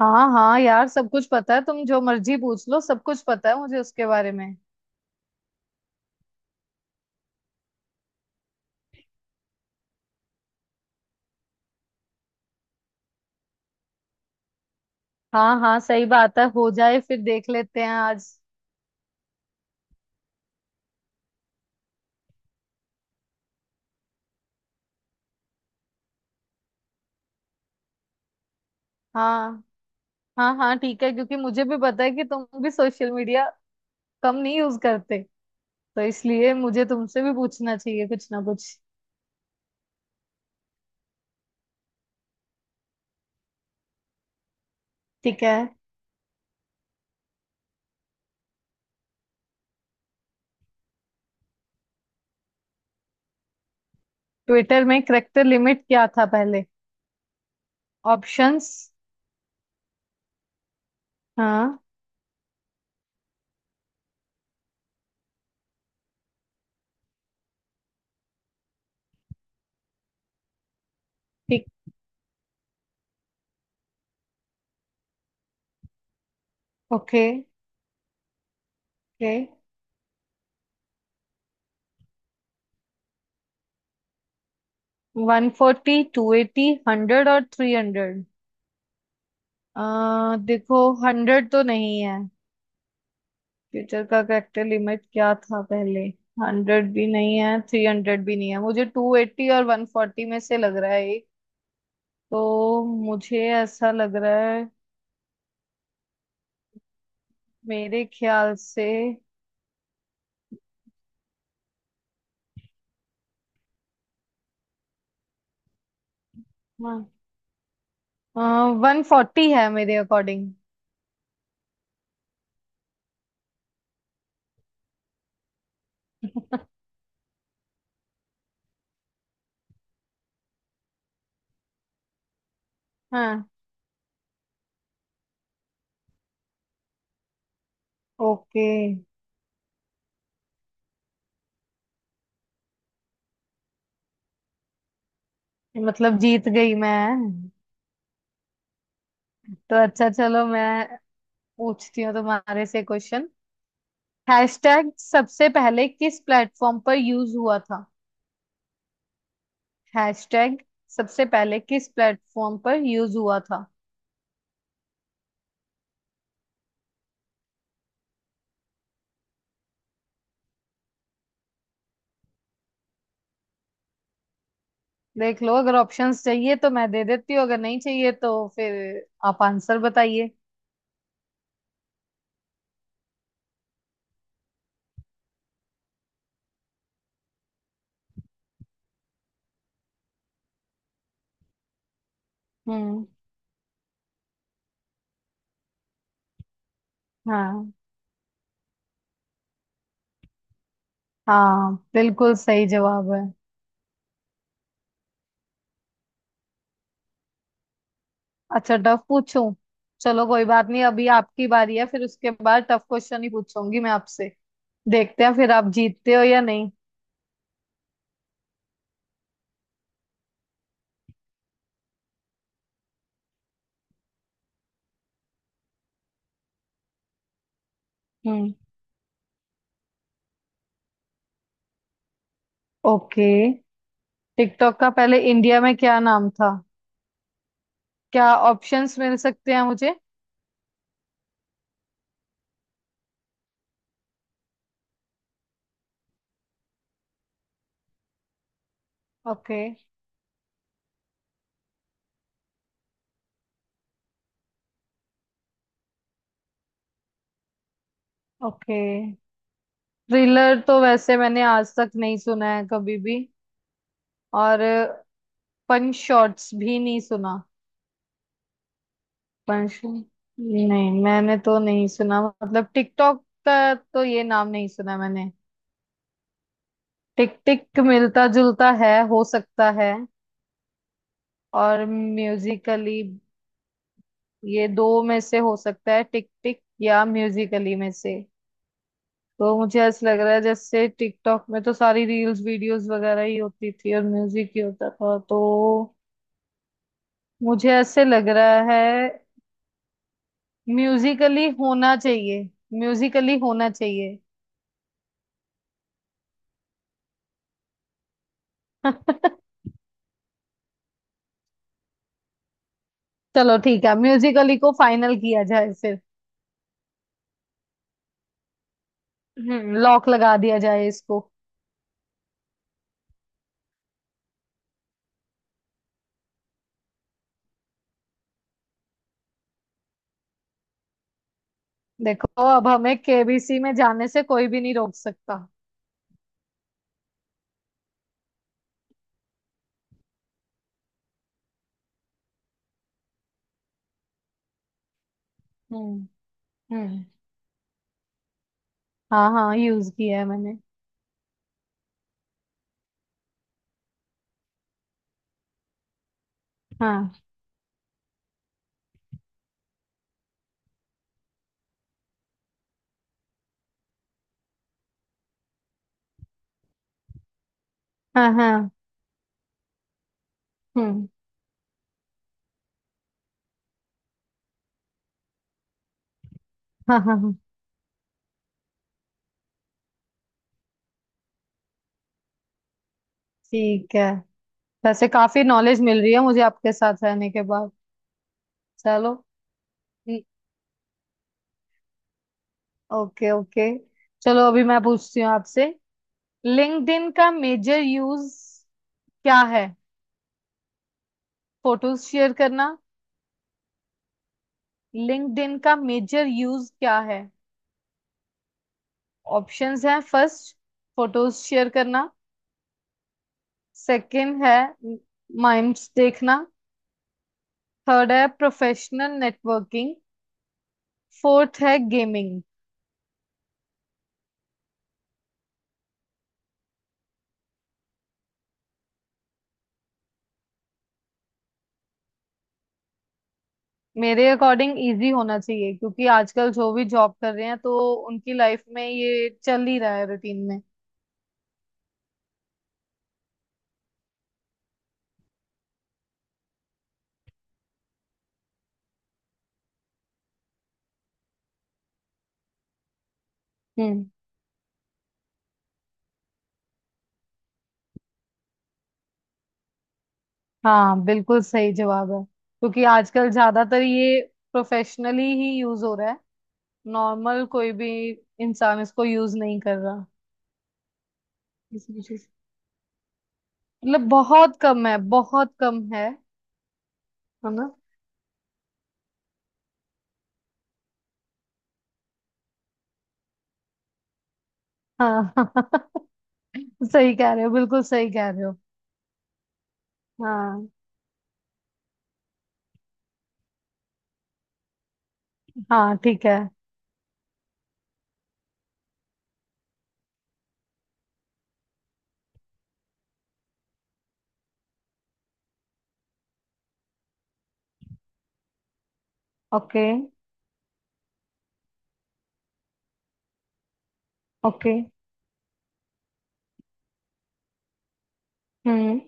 हाँ हाँ, यार सब कुछ पता है। तुम जो मर्जी पूछ लो, सब कुछ पता है मुझे उसके बारे में। हाँ हाँ, सही बात है। हो जाए, फिर देख लेते हैं आज। हाँ हाँ हाँ, ठीक है, क्योंकि मुझे भी पता है कि तुम भी सोशल मीडिया कम नहीं यूज करते। तो इसलिए मुझे तुमसे भी पूछना चाहिए कुछ ना कुछ। ठीक है। ट्विटर में करेक्टर लिमिट क्या था पहले? ऑप्शंस? हाँ। ठीक। Okay, okay. 140, 280, 100 और 300। देखो। 100 तो नहीं है। फ्यूचर का कैपिटल लिमिट क्या था पहले? 100 भी नहीं है, 300 भी नहीं है। मुझे 280 और 140 में से लग रहा है एक। तो मुझे ऐसा लग रहा है। मेरे ख्याल से। 140 है मेरे अकॉर्डिंग। हाँ, ओके, मतलब जीत गई मैं। तो अच्छा, चलो मैं पूछती हूँ तुम्हारे से क्वेश्चन। हैशटैग सबसे पहले किस प्लेटफॉर्म पर यूज हुआ था? हैशटैग सबसे पहले किस प्लेटफॉर्म पर यूज हुआ था? देख लो, अगर ऑप्शंस चाहिए तो मैं दे देती हूँ, अगर नहीं चाहिए तो फिर आप आंसर बताइए। हम्म। हाँ हाँ, बिल्कुल सही जवाब है। अच्छा, टफ पूछूं? चलो कोई बात नहीं, अभी आपकी बारी है, फिर उसके बाद टफ क्वेश्चन ही पूछूंगी मैं आपसे। देखते हैं फिर आप जीतते हो या नहीं। हम्म, ओके, टिकटॉक का पहले इंडिया में क्या नाम था? क्या ऑप्शंस मिल सकते हैं मुझे? Okay, okay. थ्रिलर तो वैसे मैंने आज तक नहीं सुना है कभी भी। और पंच शॉट्स भी नहीं सुना। पंच नहीं मैंने तो नहीं सुना, मतलब टिकटॉक का तो ये नाम नहीं सुना मैंने। टिक टिक मिलता जुलता है, हो सकता है। और म्यूजिकली। ये दो में से हो सकता है, टिक टिक या म्यूजिकली में से। तो मुझे ऐसा लग रहा है, जैसे टिकटॉक में तो सारी रील्स वीडियोस वगैरह ही होती थी और म्यूजिक ही होता था, तो। मुझे ऐसे लग रहा है। म्यूजिकली होना चाहिए। म्यूजिकली होना चाहिए। चलो ठीक है, म्यूजिकली को फाइनल किया जाए फिर। लॉक लगा दिया जाए इसको। देखो, अब हमें केबीसी में जाने से कोई भी नहीं रोक सकता। हम्म, हम्म। हाँ हाँ, यूज किया है मैंने। हाँ हाँ हाँ। हम्म। हाँ हाँ हाँ। ठीक है। वैसे काफी नॉलेज मिल रही है मुझे आपके साथ रहने के बाद। चलो। Okay, okay. चलो, अभी मैं पूछती हूँ आपसे। लिंक्डइन का मेजर यूज क्या है? फोटोज शेयर करना। लिंक्डइन का मेजर यूज क्या है? ऑप्शंस हैं। फर्स्ट, फोटोज शेयर करना। सेकंड है माइम्स देखना। थर्ड है प्रोफेशनल नेटवर्किंग। फोर्थ है गेमिंग। मेरे अकॉर्डिंग इजी होना चाहिए, क्योंकि आजकल जो भी जॉब कर रहे हैं, तो उनकी लाइफ में ये चल ही रहा है रूटीन में। हम्म। हाँ, बिल्कुल सही जवाब है, क्योंकि आजकल ज्यादातर ये प्रोफेशनली ही यूज हो रहा है। नॉर्मल कोई भी इंसान इसको यूज नहीं कर रहा। इस वजह से, मतलब बहुत कम है, बहुत कम है। है ना। हाँ, सही कह रहे हो, बिल्कुल सही कह रहे हो। हाँ। हाँ ठीक है। Okay, okay. हम्म।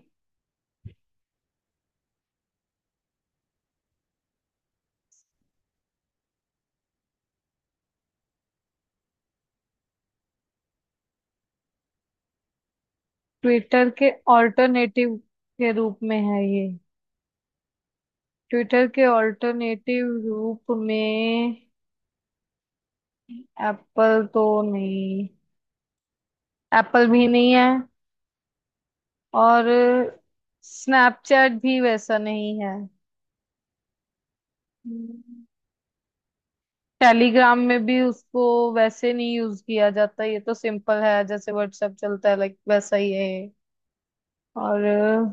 ट्विटर के ऑल्टरनेटिव के रूप में है ये? ट्विटर के ऑल्टरनेटिव रूप में। एप्पल तो नहीं। एप्पल भी नहीं है। और स्नैपचैट भी वैसा नहीं है। हम्म, टेलीग्राम में भी उसको वैसे नहीं यूज किया जाता। ये तो सिंपल है, जैसे व्हाट्सएप चलता है, लाइक वैसा ही है ये। और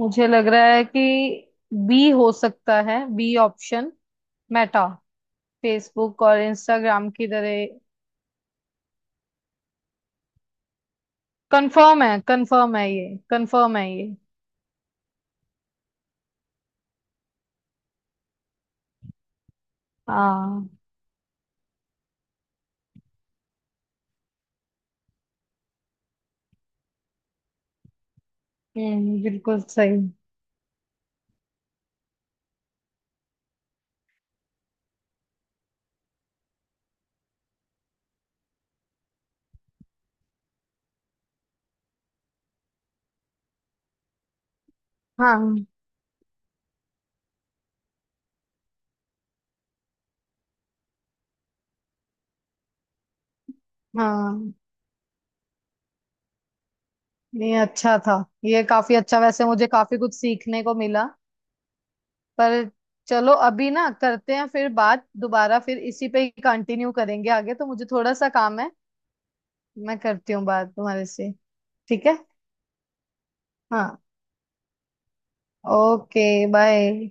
मुझे लग रहा है कि बी हो सकता है, बी ऑप्शन मेटा। फेसबुक और इंस्टाग्राम की तरह। कंफर्म है, कंफर्म है ये, कंफर्म है ये। हाँ। हम्म, बिल्कुल सही। हाँ हाँ। नहीं, अच्छा था। ये काफी अच्छा, वैसे मुझे काफी कुछ सीखने को मिला। पर, चलो अभी ना करते हैं फिर बात दोबारा, फिर इसी पे ही कंटिन्यू करेंगे आगे, तो मुझे थोड़ा सा काम है। मैं करती हूँ बात तुम्हारे से। ठीक है। हाँ। ओके। बाय।